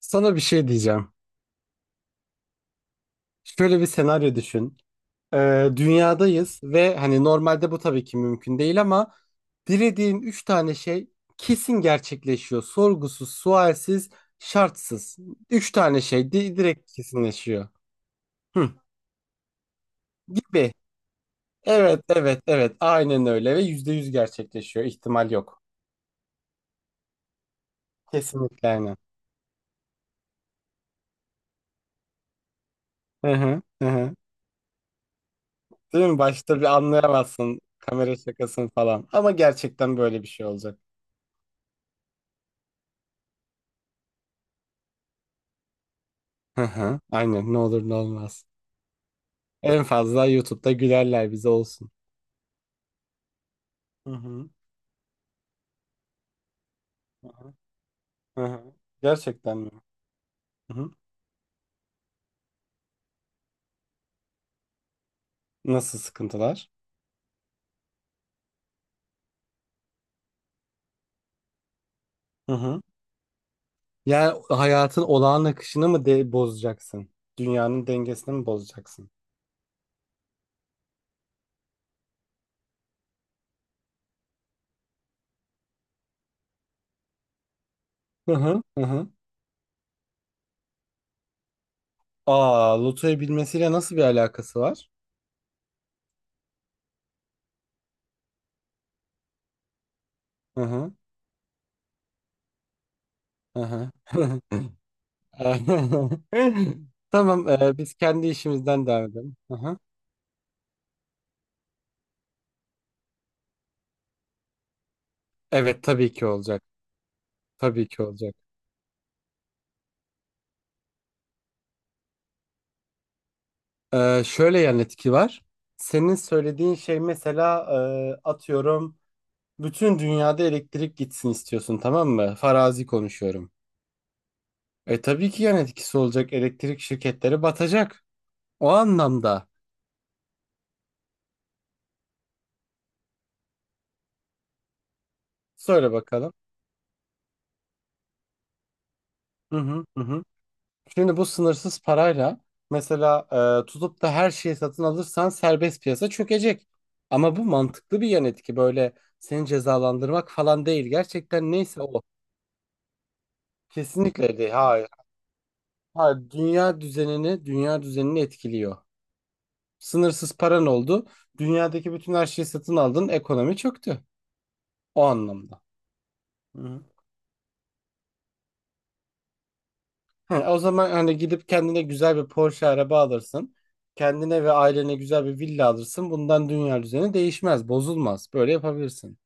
Sana bir şey diyeceğim. Şöyle bir senaryo düşün. Dünyadayız ve hani normalde bu tabii ki mümkün değil ama dilediğin üç tane şey kesin gerçekleşiyor. Sorgusuz, sualsiz, şartsız. Üç tane şey direkt kesinleşiyor. Hı. Gibi. Evet, evet, evet. Aynen öyle ve %100 gerçekleşiyor. İhtimal yok. Kesinlikle aynen. Hı hı, hı hı. Değil mi? Başta bir anlayamazsın kamera şakasını falan. Ama gerçekten böyle bir şey olacak. Hı hı. Aynen ne olur ne olmaz. En fazla YouTube'da gülerler bize olsun. Hı hı. Hı hı. Hı hı. Gerçekten mi? Hı hı. Nasıl sıkıntılar? Hı hı. Yani hayatın olağan akışını mı de bozacaksın? Dünyanın dengesini mi bozacaksın? Hı hı. Hı hı. Aa, lotoyu bilmesiyle nasıl bir alakası var? Hı hı. Hı hı. Tamam, biz kendi işimizden devam edelim. Hı hı. Evet, tabii ki olacak. Tabii ki olacak. Şöyle yan etki var. Senin söylediğin şey mesela atıyorum bütün dünyada elektrik gitsin istiyorsun, tamam mı? Farazi konuşuyorum. E tabii ki yan etkisi olacak. Elektrik şirketleri batacak. O anlamda. Söyle bakalım. Hı hı hı, hı. Şimdi bu sınırsız parayla mesela tutup da her şeyi satın alırsan serbest piyasa çökecek. Ama bu mantıklı bir yan etki. Böyle seni cezalandırmak falan değil. Gerçekten neyse o. Kesinlikle değil. Hayır. Ha, dünya düzenini etkiliyor. Sınırsız paran oldu. Dünyadaki bütün her şeyi satın aldın. Ekonomi çöktü. O anlamda. Hı. He, o zaman hani gidip kendine güzel bir Porsche araba alırsın. Kendine ve ailene güzel bir villa alırsın. Bundan dünya düzeni değişmez, bozulmaz. Böyle yapabilirsin.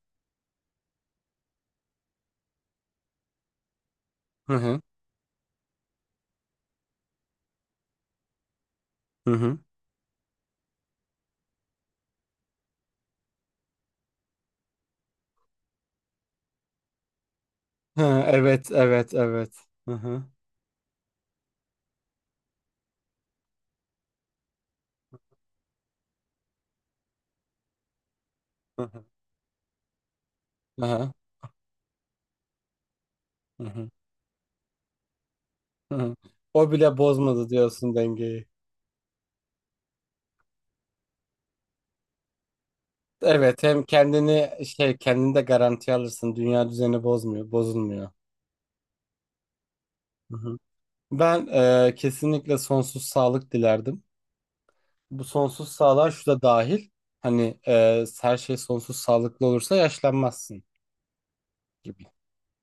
Hı hı. Hı hı. Hı, evet, evet, evet. Hı hı. Hı hı. Hı hı. Hı hı. Hı hı. O bile bozmadı diyorsun dengeyi. Evet, hem kendini de garantiye alırsın. Dünya düzeni bozmuyor, bozulmuyor. Hı hı. Ben kesinlikle sonsuz sağlık dilerdim. Bu sonsuz sağlığa şu da dahil. Hani her şey sonsuz sağlıklı olursa yaşlanmazsın gibi.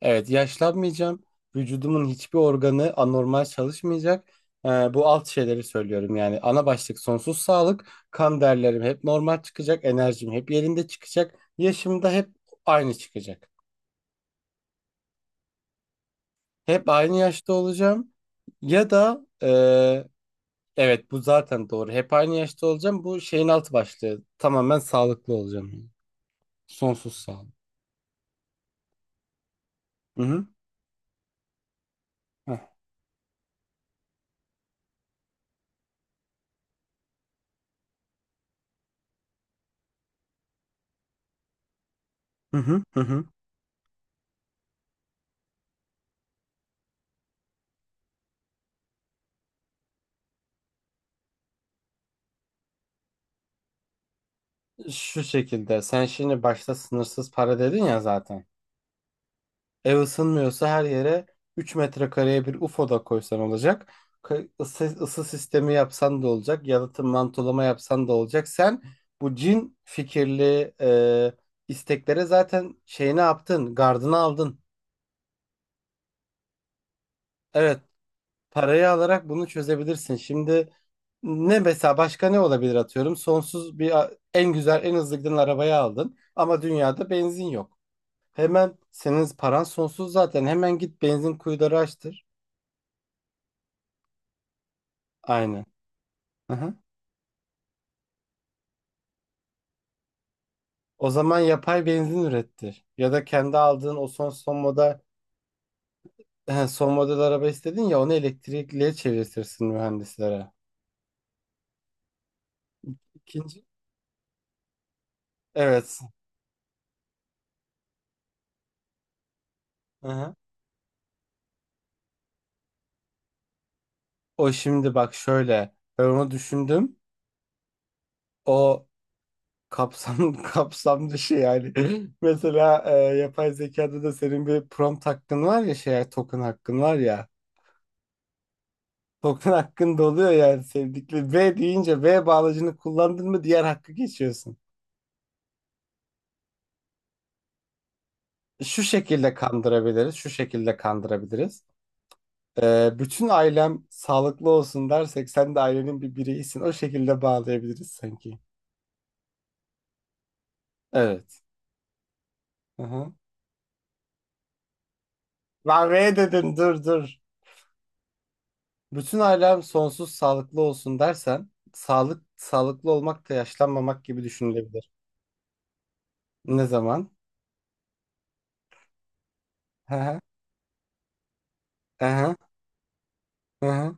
Evet, yaşlanmayacağım. Vücudumun hiçbir organı anormal çalışmayacak. Bu alt şeyleri söylüyorum yani. Ana başlık sonsuz sağlık. Kan değerlerim hep normal çıkacak. Enerjim hep yerinde çıkacak. Yaşım da hep aynı çıkacak. Hep aynı yaşta olacağım ya da evet bu zaten doğru. Hep aynı yaşta olacağım. Bu şeyin altı başlığı. Tamamen sağlıklı olacağım. Sonsuz sağlık. Hı hı. Heh. Hı hı. Hı hı. Şu şekilde sen şimdi başta sınırsız para dedin ya zaten. Ev ısınmıyorsa her yere 3 metrekareye bir UFO da koysan olacak. Isı sistemi yapsan da olacak. Yalıtım mantolama yapsan da olacak. Sen bu cin fikirli isteklere zaten şeyini yaptın. Gardını aldın. Evet. Parayı alarak bunu çözebilirsin. Şimdi ne mesela, başka ne olabilir atıyorum. Sonsuz bir en güzel en hızlı giden arabayı aldın. Ama dünyada benzin yok. Hemen senin paran sonsuz zaten. Hemen git benzin kuyuları açtır. Aynen. Aha. O zaman yapay benzin ürettir. Ya da kendi aldığın o son model son model araba istedin ya onu elektrikliye çevirtirsin mühendislere. İkinci. Evet. Aha. O şimdi bak şöyle, ben onu düşündüm. O kapsam kapsam dışı yani. Mesela yapay zekada da senin bir prompt hakkın var ya, şey, token hakkın var ya. Token hakkın doluyor yani sevdikli. V deyince V bağlacını kullandın mı diğer hakkı geçiyorsun. Şu şekilde kandırabiliriz, şu şekilde kandırabiliriz. Bütün ailem sağlıklı olsun dersek sen de ailenin bir bireyisin. O şekilde bağlayabiliriz sanki. Evet. Hı hı. Ben V dedim, dur dur. Bütün ailem sonsuz sağlıklı olsun dersen sağlıklı olmak da yaşlanmamak gibi düşünülebilir. Ne zaman? Hı hı. Hı hı. Hı hı.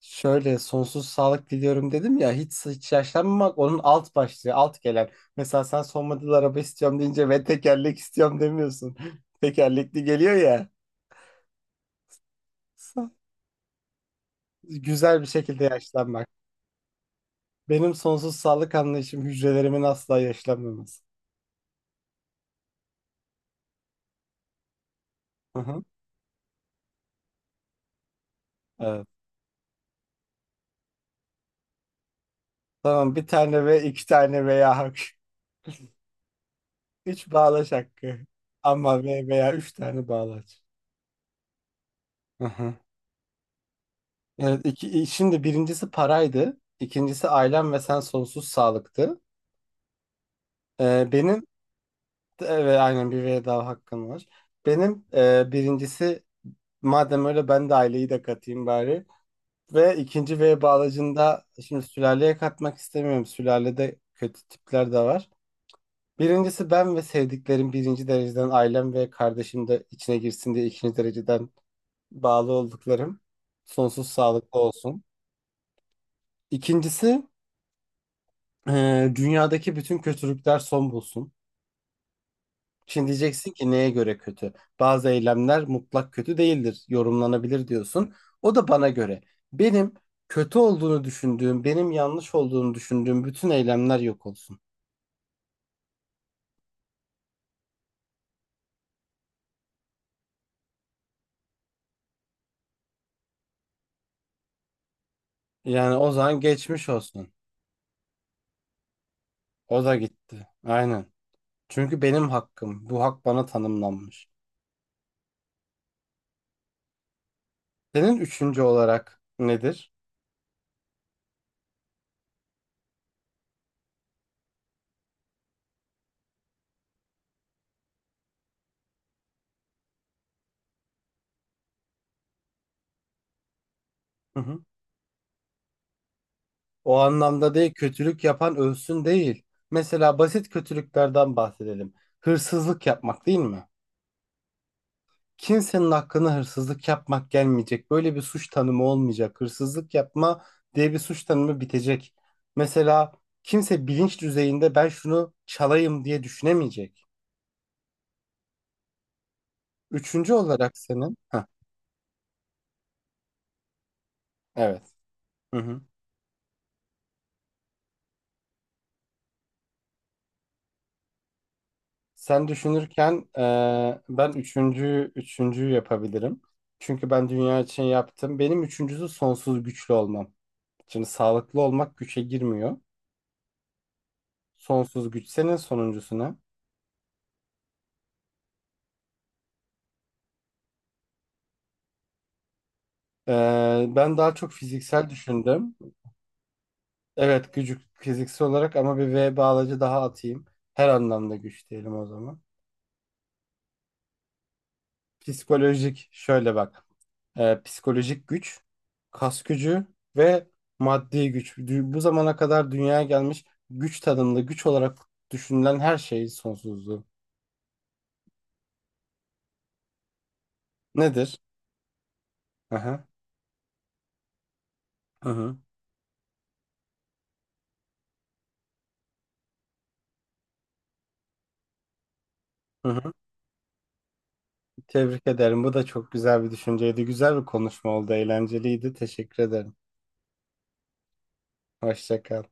Şöyle, sonsuz sağlık diliyorum dedim ya, hiç yaşlanmamak onun alt başlığı, alt gelen. Mesela sen son model araba istiyorum deyince ve tekerlek istiyorum demiyorsun. Tekerlekli geliyor ya. Sa- Güzel bir şekilde yaşlanmak. Benim sonsuz sağlık anlayışım hücrelerimin asla yaşlanmaması. Hı hı. Evet. Tamam, bir tane ve, iki tane veya hak. Üç bağlaç hakkı. Ama, ve, veya, üç tane bağlaç. Hı hı. Evet, iki, şimdi birincisi paraydı. İkincisi ailem ve sen sonsuz sağlıktı. Benim evet aynen bir veda hakkım var. Benim birincisi, madem öyle ben de aileyi de katayım bari. Ve ikinci V bağlacında şimdi sülaleye katmak istemiyorum. Sülalede kötü tipler de var. Birincisi ben ve sevdiklerim, birinci dereceden ailem ve kardeşim de içine girsin diye ikinci dereceden bağlı olduklarım. Sonsuz sağlıklı olsun. İkincisi dünyadaki bütün kötülükler son bulsun. Şimdi diyeceksin ki neye göre kötü? Bazı eylemler mutlak kötü değildir, yorumlanabilir diyorsun. O da bana göre. Benim kötü olduğunu düşündüğüm, benim yanlış olduğunu düşündüğüm bütün eylemler yok olsun. Yani o zaman geçmiş olsun. O da gitti. Aynen. Çünkü benim hakkım. Bu hak bana tanımlanmış. Senin üçüncü olarak nedir? Hı hı. O anlamda değil, kötülük yapan ölsün değil. Mesela basit kötülüklerden bahsedelim. Hırsızlık yapmak, değil mi? Kimsenin hakkına hırsızlık yapmak gelmeyecek. Böyle bir suç tanımı olmayacak. Hırsızlık yapma diye bir suç tanımı bitecek. Mesela kimse bilinç düzeyinde ben şunu çalayım diye düşünemeyecek. Üçüncü olarak senin... Heh, evet. Hı hı. Sen düşünürken ben üçüncüyü yapabilirim. Çünkü ben dünya için yaptım. Benim üçüncüsü sonsuz güçlü olmam. Şimdi sağlıklı olmak güçe girmiyor. Sonsuz güç, senin sonuncusu ne? Ben daha çok fiziksel düşündüm. Evet, gücü fiziksel olarak, ama bir V bağlacı daha atayım. Her anlamda güç diyelim o zaman. Psikolojik şöyle bak. Psikolojik güç, kas gücü ve maddi güç. Bu zamana kadar dünyaya gelmiş güç tanımlı, güç olarak düşünülen her şeyin sonsuzluğu. Nedir? Aha. Hı hı. Hı hı. Tebrik ederim. Bu da çok güzel bir düşünceydi. Güzel bir konuşma oldu. Eğlenceliydi. Teşekkür ederim. Hoşça kal.